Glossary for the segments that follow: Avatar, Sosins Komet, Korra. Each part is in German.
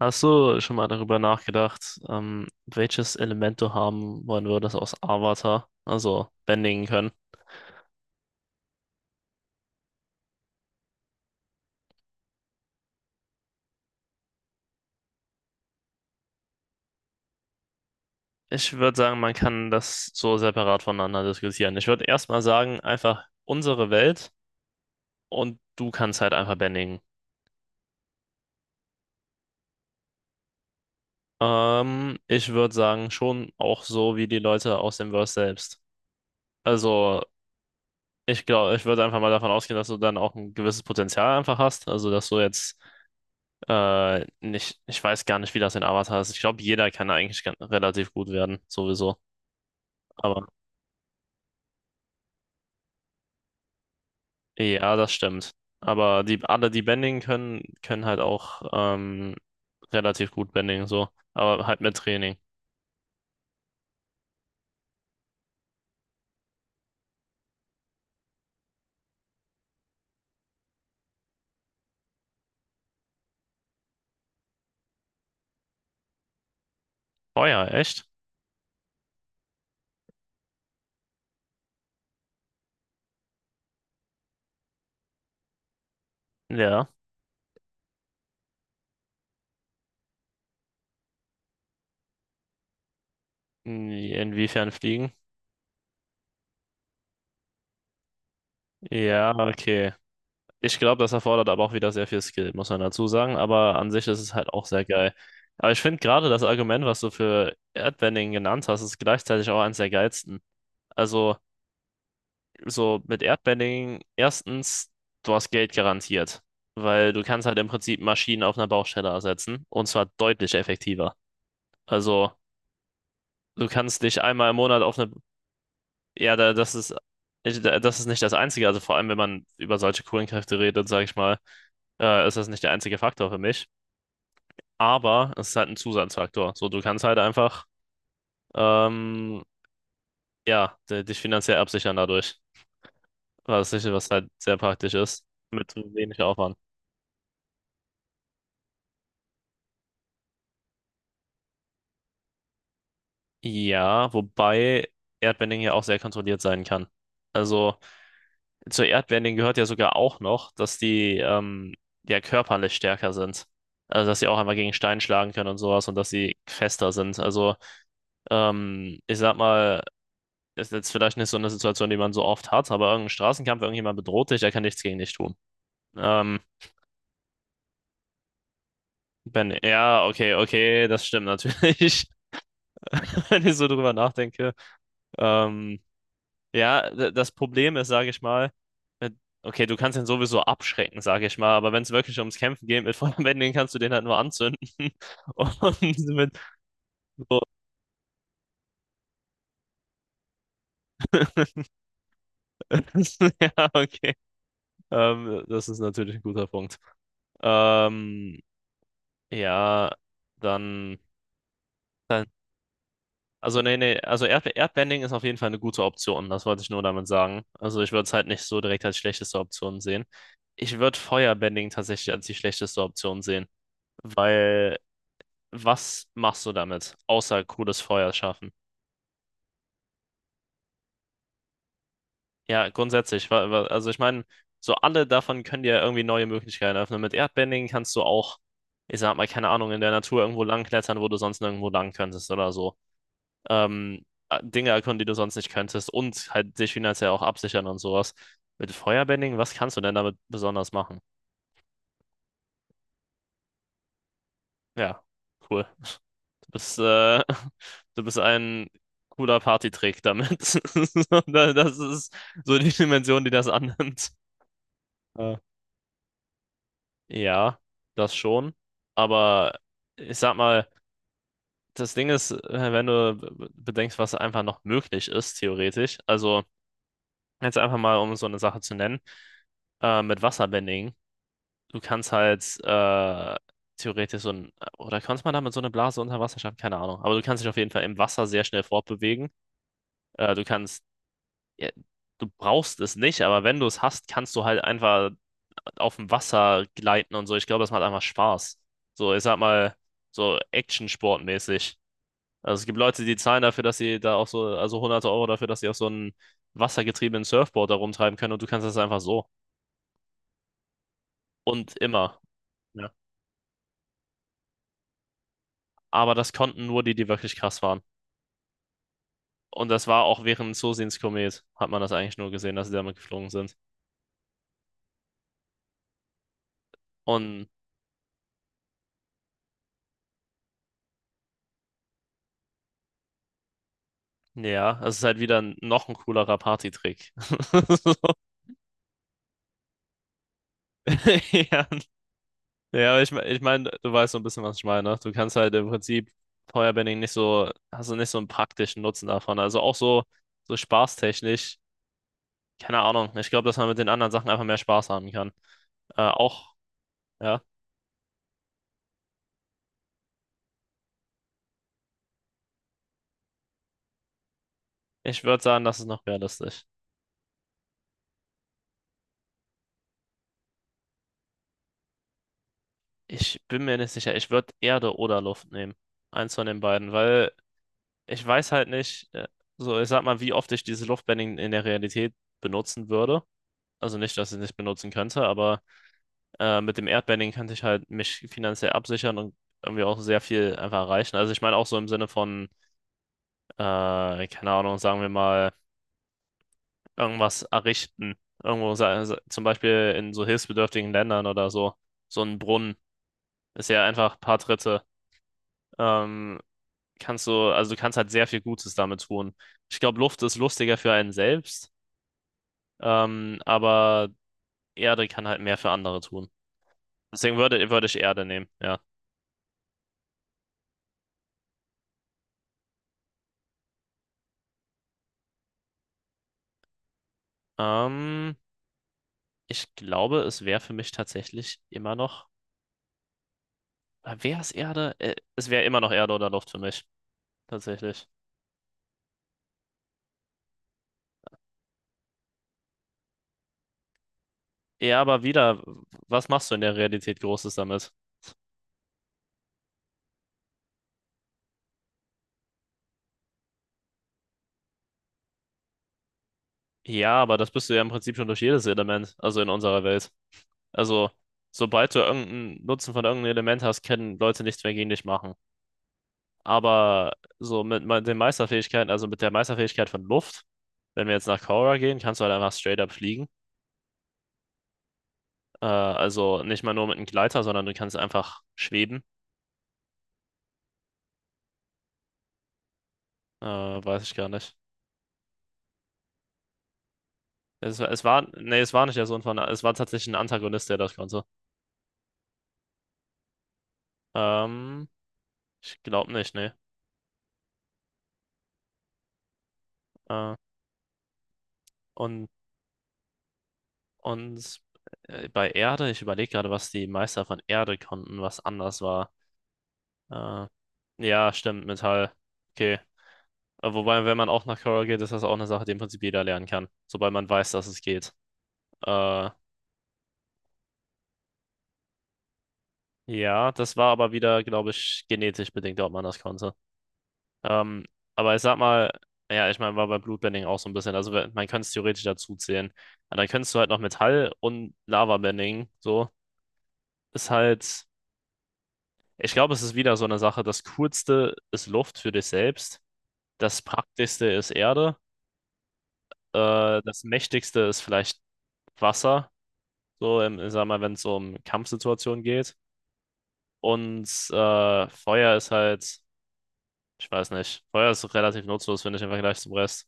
Hast du schon mal darüber nachgedacht, welches Element du haben wollen würdest aus Avatar, also bändigen können? Ich würde sagen, man kann das so separat voneinander diskutieren. Ich würde erstmal sagen, einfach unsere Welt und du kannst halt einfach bändigen. Ich würde sagen, schon auch so wie die Leute aus dem Verse selbst. Also, ich glaube, ich würde einfach mal davon ausgehen, dass du dann auch ein gewisses Potenzial einfach hast. Also, dass du jetzt nicht, ich weiß gar nicht, wie das in Avatar ist. Ich glaube, jeder kann eigentlich relativ gut werden, sowieso. Aber ja, das stimmt. Aber die, alle, die Bending können, können halt auch relativ gut Bending, so. Aber halt mit Training. Oh ja, echt? Ja. Hm, inwiefern fliegen? Ja, okay. Ich glaube, das erfordert aber auch wieder sehr viel Skill, muss man dazu sagen. Aber an sich ist es halt auch sehr geil. Aber ich finde gerade das Argument, was du für Erdbending genannt hast, ist gleichzeitig auch eines der geilsten. Also, so mit Erdbedding, erstens, du hast Geld garantiert, weil du kannst halt im Prinzip Maschinen auf einer Baustelle ersetzen und zwar deutlich effektiver. Also du kannst dich einmal im Monat auf eine, ja, das ist, das ist nicht das Einzige, also vor allem, wenn man über solche Kohlenkräfte redet, sage ich mal, ist das nicht der einzige Faktor für mich, aber es ist halt ein Zusatzfaktor. So, du kannst halt einfach, ähm, ja, dich finanziell absichern dadurch, was, was halt sehr praktisch ist, mit wenig Aufwand. Ja, wobei Erdbending ja auch sehr kontrolliert sein kann. Also zu Erdbending gehört ja sogar auch noch, dass die ja körperlich stärker sind. Also dass sie auch einmal gegen Stein schlagen können und sowas und dass sie fester sind. Also ich sag mal, ist jetzt vielleicht nicht so eine Situation, die man so oft hat, aber irgendein Straßenkampf, irgendjemand bedroht dich, der kann nichts gegen dich tun. Ähm, wenn, ja, okay, okay, das stimmt natürlich, wenn ich so drüber nachdenke. Ähm, Ja, das Problem ist, sage ich mal, äh, okay, du kannst ihn sowieso abschrecken, sage ich mal, aber wenn es wirklich ums Kämpfen geht mit Feuerbändigen, kannst du den halt nur anzünden. Und mit so. Ja, okay. Das ist natürlich ein guter Punkt. Ähm, ja, dann, dann. Also, nee, nee, also Erdbending ist auf jeden Fall eine gute Option, das wollte ich nur damit sagen. Also, ich würde es halt nicht so direkt als schlechteste Option sehen. Ich würde Feuerbending tatsächlich als die schlechteste Option sehen, weil was machst du damit, außer cooles Feuer schaffen? Ja, grundsätzlich. Also ich meine, so alle davon können dir ja irgendwie neue Möglichkeiten öffnen. Mit Erdbending kannst du auch, ich sag mal, keine Ahnung, in der Natur irgendwo langklettern, wo du sonst nirgendwo lang könntest oder so. Dinge erkunden, die du sonst nicht könntest und halt dich finanziell auch absichern und sowas. Mit Feuerbending, was kannst du denn damit besonders machen? Ja, cool. bist, du bist ein cooler Partytrick damit. So, das ist so die Dimension, die das annimmt. Ja. Ja, das schon. Aber ich sag mal, das Ding ist, wenn du bedenkst, was einfach noch möglich ist, theoretisch. Also, jetzt einfach mal, um so eine Sache zu nennen, mit Wasserbending. Du kannst halt theoretisch so ein, oder kannst man damit so eine Blase unter Wasser schaffen? Keine Ahnung. Aber du kannst dich auf jeden Fall im Wasser sehr schnell fortbewegen. Du kannst ja, du brauchst es nicht, aber wenn du es hast, kannst du halt einfach auf dem Wasser gleiten und so. Ich glaube, das macht einfach Spaß. So, ich sag mal, so Action-Sportmäßig. Also es gibt Leute, die zahlen dafür, dass sie da auch so, also hunderte Euro dafür, dass sie auf so einem wassergetriebenen Surfboard da rumtreiben können und du kannst das einfach so. Und immer. Ja. Aber das konnten nur die, die wirklich krass waren. Und das war auch während Sosins Komet, hat man das eigentlich nur gesehen, dass sie damit geflogen sind. Und ja, es ist halt wieder noch ein coolerer Partytrick. Ja, ja, aber ich, ich meine, du weißt so ein bisschen, was ich meine. Ne? Du kannst halt im Prinzip Feuerbending nicht so, hast du nicht so einen praktischen Nutzen davon. Also auch so, so spaßtechnisch, keine Ahnung. Ich glaube, dass man mit den anderen Sachen einfach mehr Spaß haben kann. Auch, ja, ich würde sagen, das ist noch realistisch. Ich bin mir nicht sicher. Ich würde Erde oder Luft nehmen. Eins von den beiden, weil ich weiß halt nicht, so, ich sag mal, wie oft ich dieses Luftbending in der Realität benutzen würde. Also nicht, dass ich es nicht benutzen könnte, aber. Mit dem Erdbanding kann ich halt mich finanziell absichern und irgendwie auch sehr viel einfach erreichen. Also ich meine auch so im Sinne von, keine Ahnung, sagen wir mal, irgendwas errichten. Irgendwo, zum Beispiel in so hilfsbedürftigen Ländern oder so. So ein Brunnen ist ja einfach ein paar Tritte. Ähm, kannst du, also du kannst halt sehr viel Gutes damit tun. Ich glaube, Luft ist lustiger für einen selbst, aber Erde kann halt mehr für andere tun. Deswegen würde ich Erde nehmen, ja. Ähm, ich glaube, es wäre für mich tatsächlich immer noch. Wäre es Erde? Es wäre immer noch Erde oder Luft für mich. Tatsächlich. Ja, aber wieder, was machst du in der Realität Großes damit? Ja, aber das bist du ja im Prinzip schon durch jedes Element, also in unserer Welt. Also, sobald du irgendeinen Nutzen von irgendeinem Element hast, können Leute nichts mehr gegen dich machen. Aber so mit den Meisterfähigkeiten, also mit der Meisterfähigkeit von Luft, wenn wir jetzt nach Korra gehen, kannst du halt einfach straight up fliegen. Also nicht mal nur mit einem Gleiter, sondern du kannst einfach schweben. Weiß ich gar nicht. Es war, nee, es war nicht der Sohn von, es war tatsächlich ein Antagonist, der das konnte. Ähm, ich glaube nicht, nee. Äh, und, und bei Erde, ich überlege gerade, was die Meister von Erde konnten, was anders war. Äh, ja, stimmt, Metall. Okay. Wobei, wenn man auch nach Korra geht, ist das auch eine Sache, die im Prinzip jeder lernen kann, sobald man weiß, dass es geht. Äh, ja, das war aber wieder, glaube ich, genetisch bedingt, ob man das konnte. Ähm, aber ich sag mal, ja, ich meine, war bei Bloodbending auch so ein bisschen. Also man könnte es theoretisch dazu zählen. Aber dann könntest du halt noch Metall und Lavabending. So ist halt, ich glaube, es ist wieder so eine Sache. Das Coolste ist Luft für dich selbst. Das Praktischste ist Erde. Das Mächtigste ist vielleicht Wasser. So, im, ich sag mal, wenn es so um Kampfsituationen geht. Und Feuer ist halt, ich weiß nicht, Feuer ist relativ nutzlos, finde ich, im Vergleich zum Rest.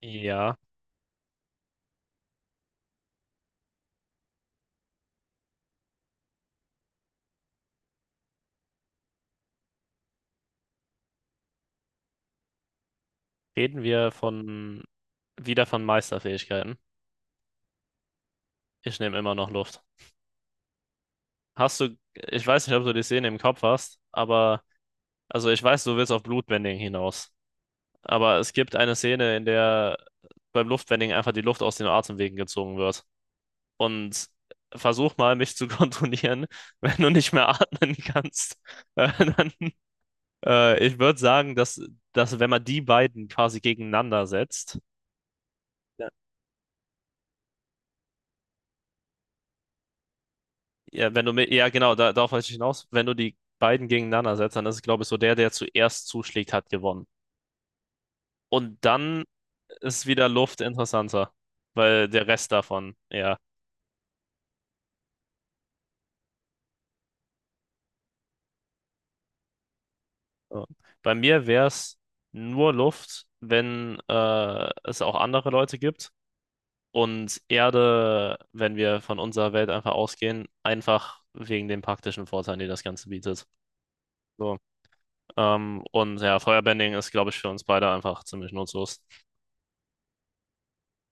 Ja. Reden wir von wieder von Meisterfähigkeiten. Ich nehme immer noch Luft. Hast du, ich weiß nicht, ob du die Szene im Kopf hast, aber, also ich weiß, du willst auf Blutbending hinaus. Aber es gibt eine Szene, in der beim Luftbending einfach die Luft aus den Atemwegen gezogen wird. Und versuch mal, mich zu kontrollieren, wenn du nicht mehr atmen kannst. Dann, ich würde sagen, dass, dass wenn man die beiden quasi gegeneinander setzt, ja, wenn du mit, ja genau, da, darauf wollte ich hinaus. Wenn du die beiden gegeneinander setzt, dann ist, es, glaube ich, so der, der zuerst zuschlägt, hat gewonnen. Und dann ist wieder Luft interessanter, weil der Rest davon, ja. So. Bei mir wäre es nur Luft, wenn es auch andere Leute gibt. Und Erde, wenn wir von unserer Welt einfach ausgehen, einfach wegen den praktischen Vorteilen, die das Ganze bietet. So. Und ja, Feuerbending ist, glaube ich, für uns beide einfach ziemlich nutzlos.